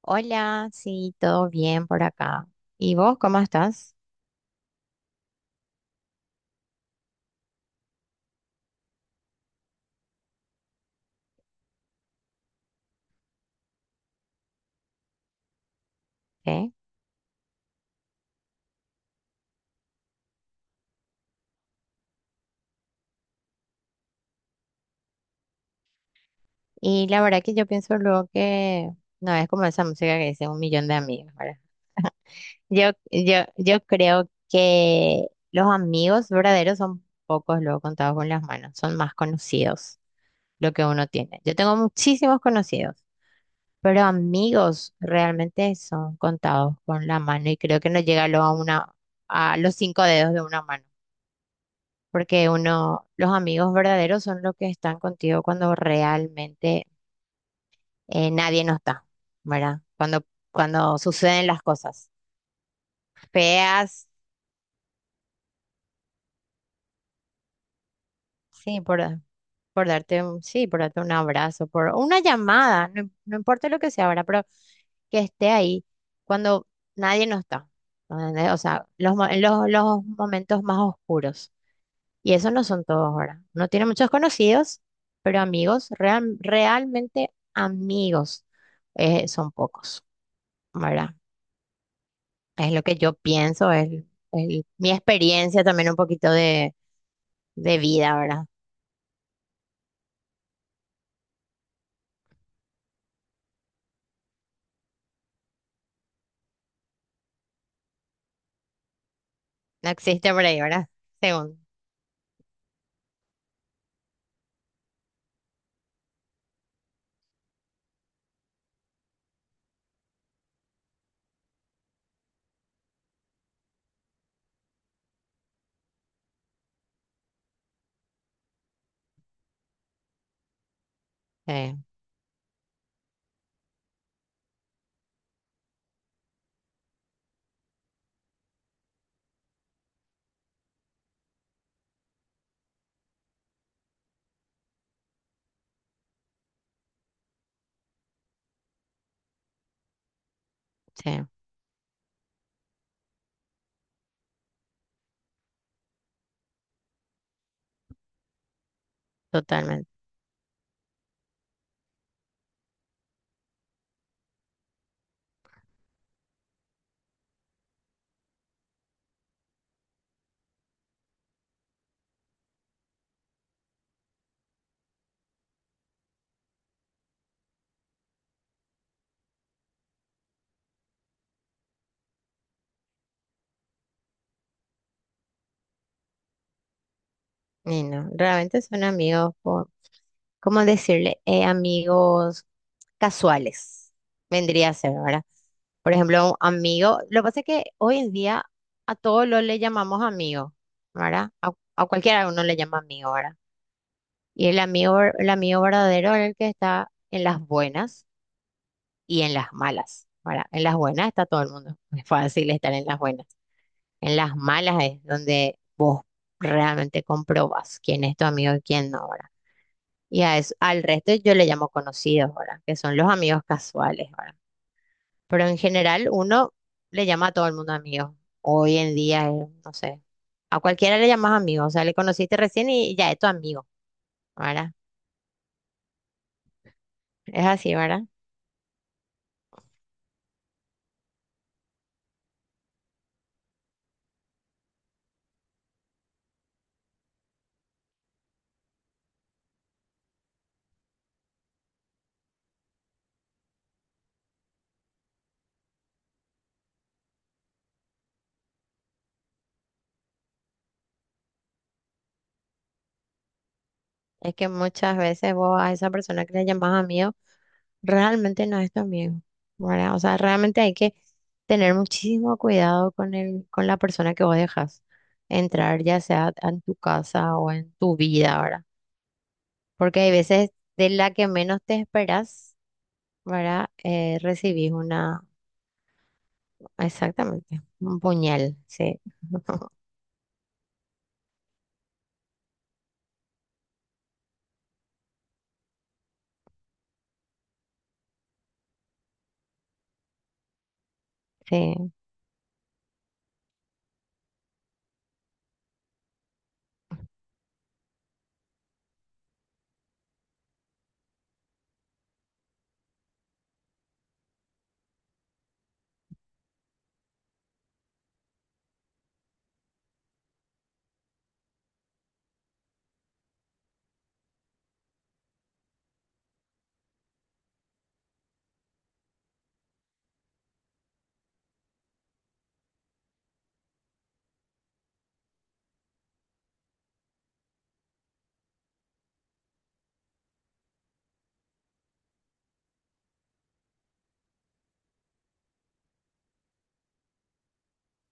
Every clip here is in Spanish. Hola, sí, todo bien por acá. ¿Y vos cómo estás? ¿Qué? Y la verdad que yo pienso luego que no es como esa música que dice un millón de amigos, ¿verdad? Yo creo que los amigos verdaderos son pocos luego contados con las manos, son más conocidos lo que uno tiene. Yo tengo muchísimos conocidos, pero amigos realmente son contados con la mano y creo que no llega lo a una, a los cinco dedos de una mano. Porque uno, los amigos verdaderos son los que están contigo cuando realmente nadie no está, ¿verdad? Cuando suceden las cosas feas, sí, sí, por darte un abrazo, por una llamada, no, no importa lo que sea, ¿verdad? Pero que esté ahí cuando nadie no está, ¿entendés? O sea, los momentos más oscuros. Y eso no son todos ahora. Uno tiene muchos conocidos, pero amigos, realmente amigos, son pocos, ¿verdad? Es lo que yo pienso, es mi experiencia también un poquito de vida, ¿verdad? No existe por ahí, ¿verdad? Según. Sí, sí, totalmente. Y no, realmente son amigos, ¿cómo decirle? Amigos casuales, vendría a ser, ¿verdad? Por ejemplo, un amigo, lo que pasa es que hoy en día a todos los le llamamos amigo, ¿verdad? A cualquiera uno le llama amigo, ¿verdad? Y el amigo, el amigo verdadero es el que está en las buenas y en las malas, ¿verdad? En las buenas está todo el mundo, es fácil estar en las buenas. En las malas es donde realmente comprobas quién es tu amigo y quién no, ¿verdad? Y a eso, al resto yo le llamo conocidos, ¿verdad? Que son los amigos casuales, ¿verdad? Pero en general uno le llama a todo el mundo amigo. Hoy en día, no sé, a cualquiera le llamas amigo, o sea, le conociste recién y ya es tu amigo, ¿verdad? Es así, ¿verdad? Es que muchas veces vos a esa persona que le llamas amigo realmente no es tu amigo, ¿verdad? O sea, realmente hay que tener muchísimo cuidado con con la persona que vos dejas entrar, ya sea en tu casa o en tu vida, ¿verdad? Porque hay veces de la que menos te esperas, ¿verdad? Recibís exactamente, un puñal, sí. Sí,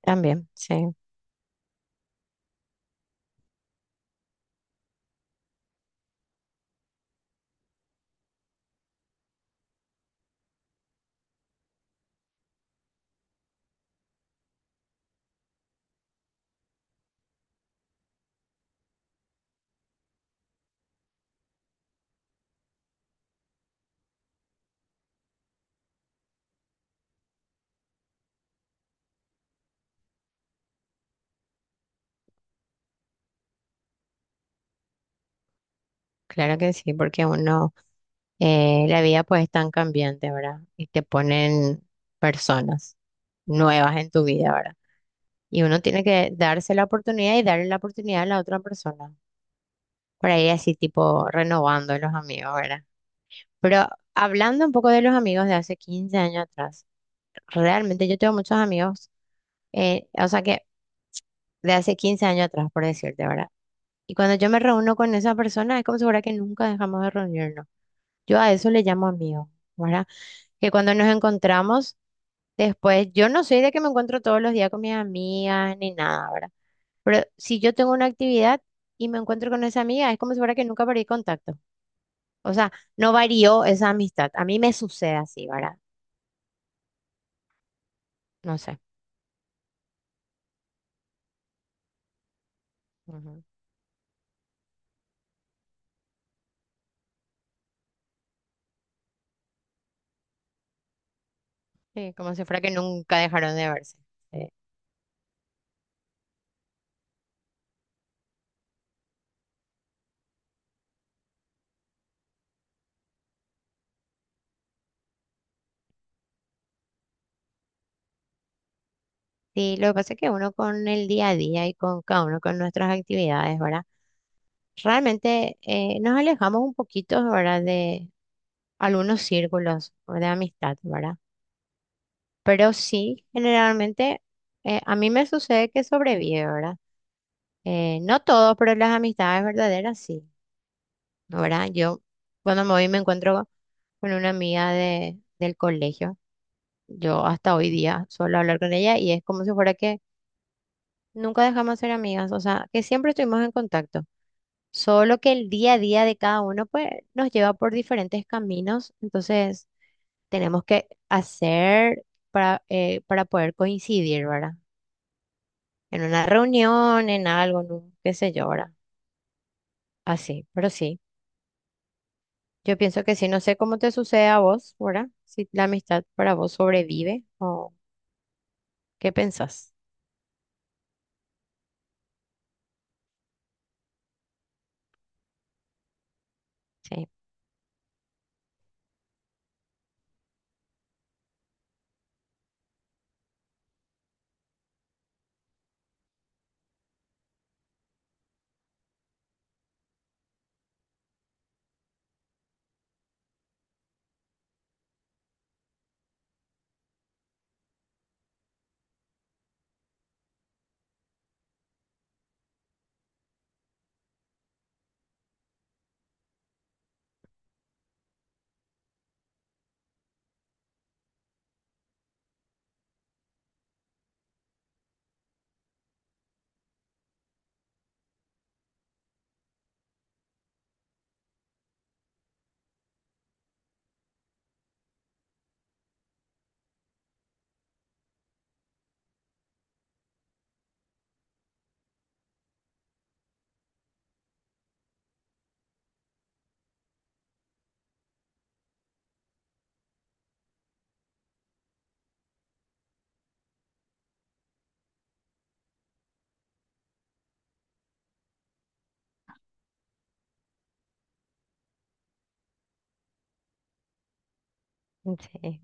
también, sí. Claro que sí, porque la vida pues es tan cambiante, ¿verdad? Y te ponen personas nuevas en tu vida, ¿verdad? Y uno tiene que darse la oportunidad y darle la oportunidad a la otra persona. Para ir así tipo renovando los amigos, ¿verdad? Pero hablando un poco de los amigos de hace 15 años atrás. Realmente yo tengo muchos amigos, o sea que de hace 15 años atrás, por decirte, ¿verdad? Y cuando yo me reúno con esa persona, es como si fuera que nunca dejamos de reunirnos. Yo a eso le llamo amigo, ¿verdad? Que cuando nos encontramos después, yo no soy de que me encuentro todos los días con mis amigas ni nada, ¿verdad? Pero si yo tengo una actividad y me encuentro con esa amiga, es como si fuera que nunca perdí contacto. O sea, no varió esa amistad. A mí me sucede así, ¿verdad? No sé. Ujú. Sí, como si fuera que nunca dejaron de verse. Sí. Sí, lo que pasa es que uno con el día a día y con cada uno con nuestras actividades, ¿verdad? Realmente nos alejamos un poquito, ¿verdad? De algunos círculos o de amistad, ¿verdad? Pero sí, generalmente a mí me sucede que sobrevive, ¿verdad? No todo, pero las amistades verdaderas sí, ¿verdad? Yo cuando me voy me encuentro con una amiga del colegio. Yo hasta hoy día suelo hablar con ella y es como si fuera que nunca dejamos de ser amigas, o sea, que siempre estuvimos en contacto. Solo que el día a día de cada uno pues, nos lleva por diferentes caminos, entonces tenemos que hacer para poder coincidir, ¿verdad? En una reunión, en algo, en un qué sé yo, ¿verdad? Así, pero sí, yo pienso que sí, no sé cómo te sucede a vos, ¿verdad? Si la amistad para vos sobrevive o qué pensás. Sí, sí.